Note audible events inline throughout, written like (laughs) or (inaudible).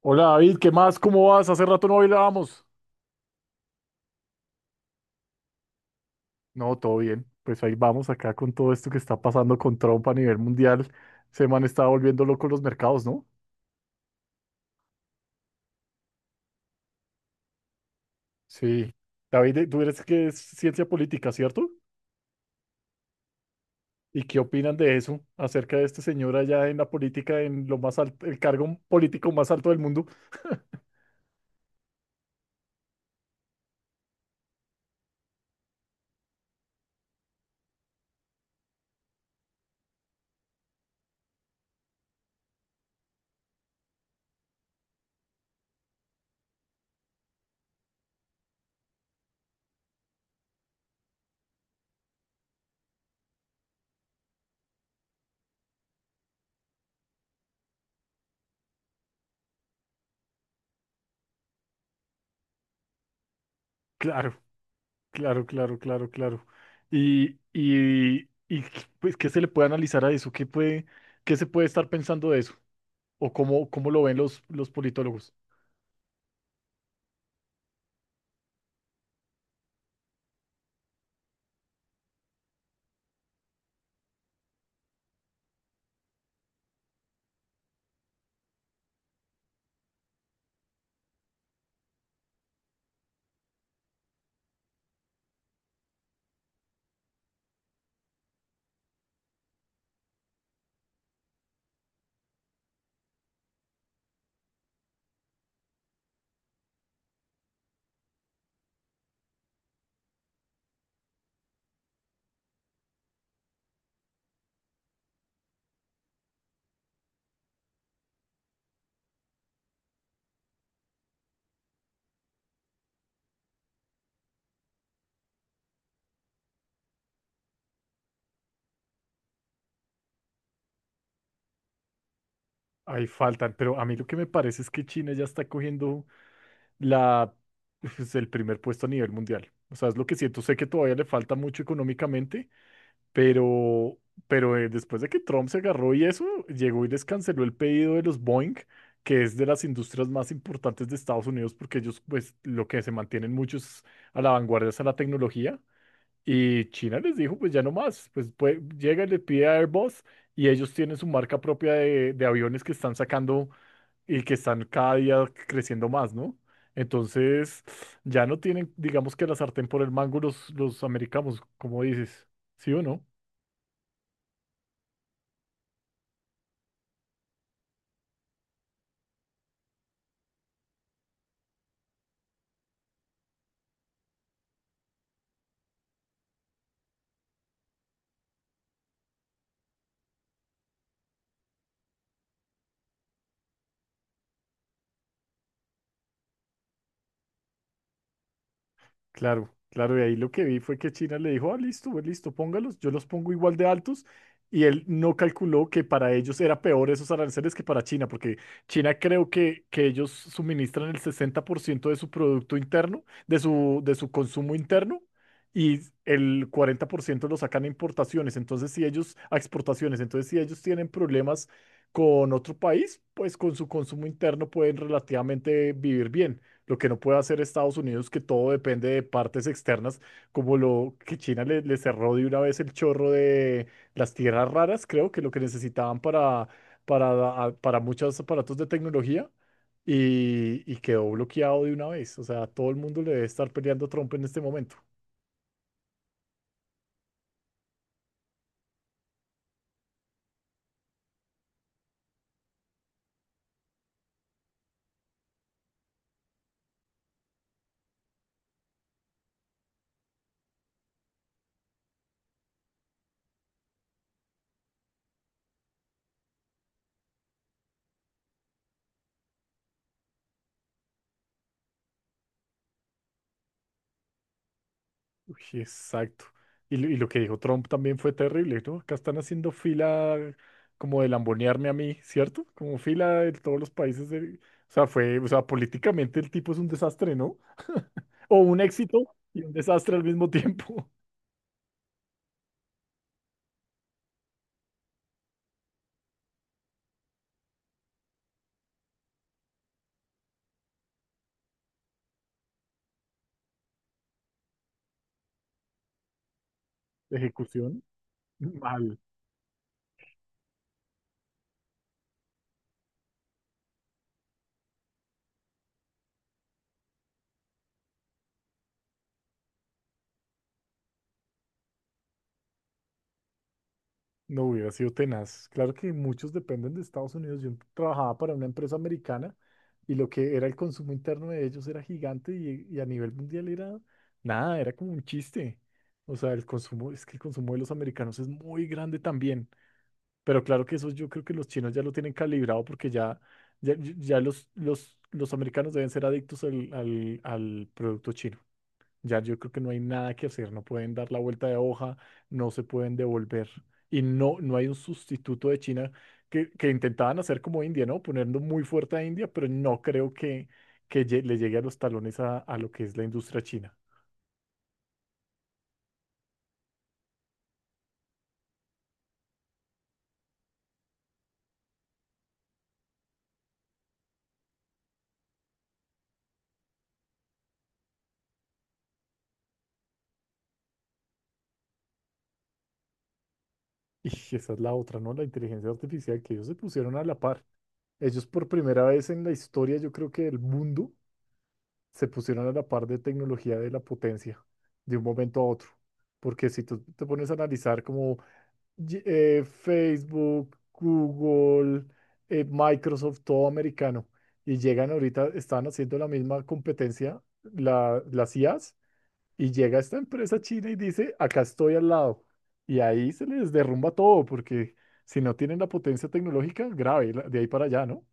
Hola David, ¿qué más? ¿Cómo vas? Hace rato no bailábamos. No, todo bien. Pues ahí vamos acá con todo esto que está pasando con Trump a nivel mundial. Se man está volviendo loco los mercados, ¿no? Sí. David, tú eres que es ciencia política, ¿cierto? ¿Y qué opinan de eso acerca de este señor allá en la política, en lo más alto, el cargo político más alto del mundo? (laughs) Claro. Claro, claro, claro, claro. Y pues, ¿qué se le puede analizar a eso? ¿ qué se puede estar pensando de eso? ¿O cómo lo ven los politólogos? Ahí faltan, pero a mí lo que me parece es que China ya está cogiendo la, pues, el primer puesto a nivel mundial. O sea, es lo que siento. Sé que todavía le falta mucho económicamente, Pero, pero después de que Trump se agarró y eso, llegó y les canceló el pedido de los Boeing, que es de las industrias más importantes de Estados Unidos, porque ellos, pues, lo que se mantienen muchos a la vanguardia es a la tecnología. Y China les dijo, pues ya no más, pues, llega y le pide a Airbus y ellos tienen su marca propia de aviones que están sacando y que están cada día creciendo más, ¿no? Entonces, ya no tienen, digamos que la sartén por el mango los americanos, como dices, ¿sí o no? Claro, claro, y ahí lo que vi fue que China le dijo, ah, listo, pues, listo, póngalos, yo los pongo igual de altos, y él no calculó que para ellos era peor esos aranceles que para China, porque China creo que ellos suministran el 60% de su producto interno, de su consumo interno, y el 40% lo sacan a importaciones, entonces si ellos, a exportaciones, entonces si ellos tienen problemas con otro país, pues con su consumo interno pueden relativamente vivir bien. Lo que no puede hacer Estados Unidos, que todo depende de partes externas, como lo que China le, le cerró de una vez el chorro de las tierras raras, creo que lo que necesitaban para, para muchos aparatos de tecnología, y quedó bloqueado de una vez. O sea, todo el mundo le debe estar peleando a Trump en este momento. Uy, exacto. Y lo que dijo Trump también fue terrible, ¿no? Acá están haciendo fila como de lambonearme a mí, ¿cierto? Como fila de todos los países del- O sea, fue, o sea, políticamente el tipo es un desastre, ¿no? O un éxito y un desastre al mismo tiempo. (laughs) Ejecución, mal. No hubiera sido tenaz. Claro que muchos dependen de Estados Unidos. Yo trabajaba para una empresa americana y lo que era el consumo interno de ellos era gigante y a nivel mundial era nada, era como un chiste. O sea, el consumo, es que el consumo de los americanos es muy grande también. Pero claro que eso yo creo que los chinos ya lo tienen calibrado porque ya, ya los americanos deben ser adictos al producto chino. Ya yo creo que no hay nada que hacer, no pueden dar la vuelta de hoja, no se pueden devolver. Y no, no hay un sustituto de China que intentaban hacer como India, ¿no? Poniendo muy fuerte a India, pero no creo que, que le llegue a los talones a lo que es la industria china. Y esa es la otra, ¿no? La inteligencia artificial, que ellos se pusieron a la par. Ellos por primera vez en la historia, yo creo que del mundo, se pusieron a la par de tecnología de la potencia de un momento a otro. Porque si tú te pones a analizar como Facebook, Google, Microsoft, todo americano, y llegan ahorita, están haciendo la misma competencia, las IAs, y llega esta empresa china y dice, acá estoy al lado. Y ahí se les derrumba todo, porque si no tienen la potencia tecnológica, grave, de ahí para allá, ¿no?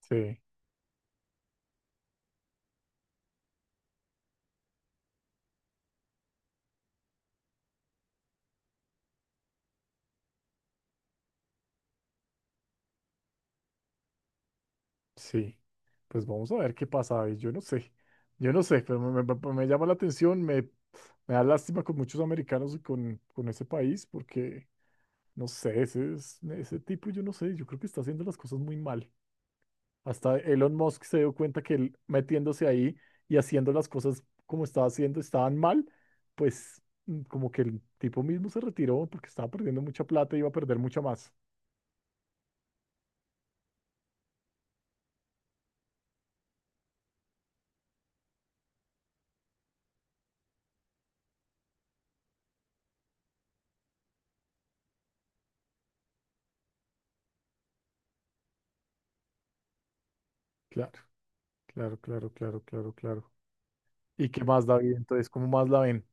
Sí. Sí, pues vamos a ver qué pasa, David. Yo no sé, pero me, me llama la atención, me da lástima con muchos americanos y con ese país, porque no sé, ese, ese tipo, yo no sé, yo creo que está haciendo las cosas muy mal. Hasta Elon Musk se dio cuenta que él metiéndose ahí y haciendo las cosas como estaba haciendo estaban mal, pues como que el tipo mismo se retiró porque estaba perdiendo mucha plata y iba a perder mucha más. Claro, claro, claro, claro, claro, claro. ¿Y qué más, David? Entonces, ¿cómo más la ven?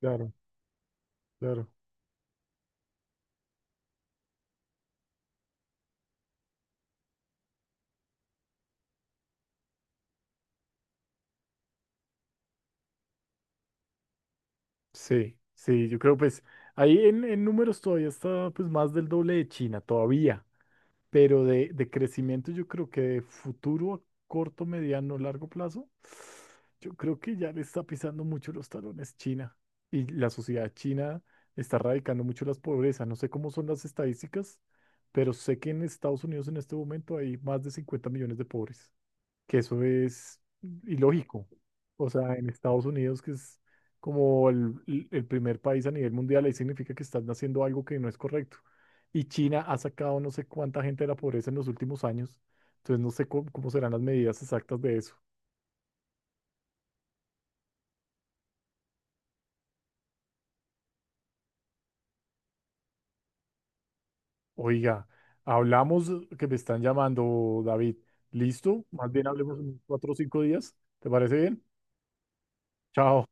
Claro, claro. Sí, sí, yo creo pues ahí en números todavía está pues más del doble de China, todavía, pero de crecimiento yo creo que de futuro a corto, mediano, largo plazo, yo creo que ya le está pisando mucho los talones China y la sociedad china está erradicando mucho las pobrezas. No sé cómo son las estadísticas, pero sé que en Estados Unidos en este momento hay más de 50 millones de pobres, que eso es ilógico. O sea, en Estados Unidos, que es como el, el primer país a nivel mundial, ahí significa que están haciendo algo que no es correcto. Y China ha sacado no sé cuánta gente de la pobreza en los últimos años, entonces no sé cómo, cómo serán las medidas exactas de eso. Oiga, hablamos que me están llamando, David. ¿Listo? Más bien hablemos en 4 o 5 días. ¿Te parece bien? Chao.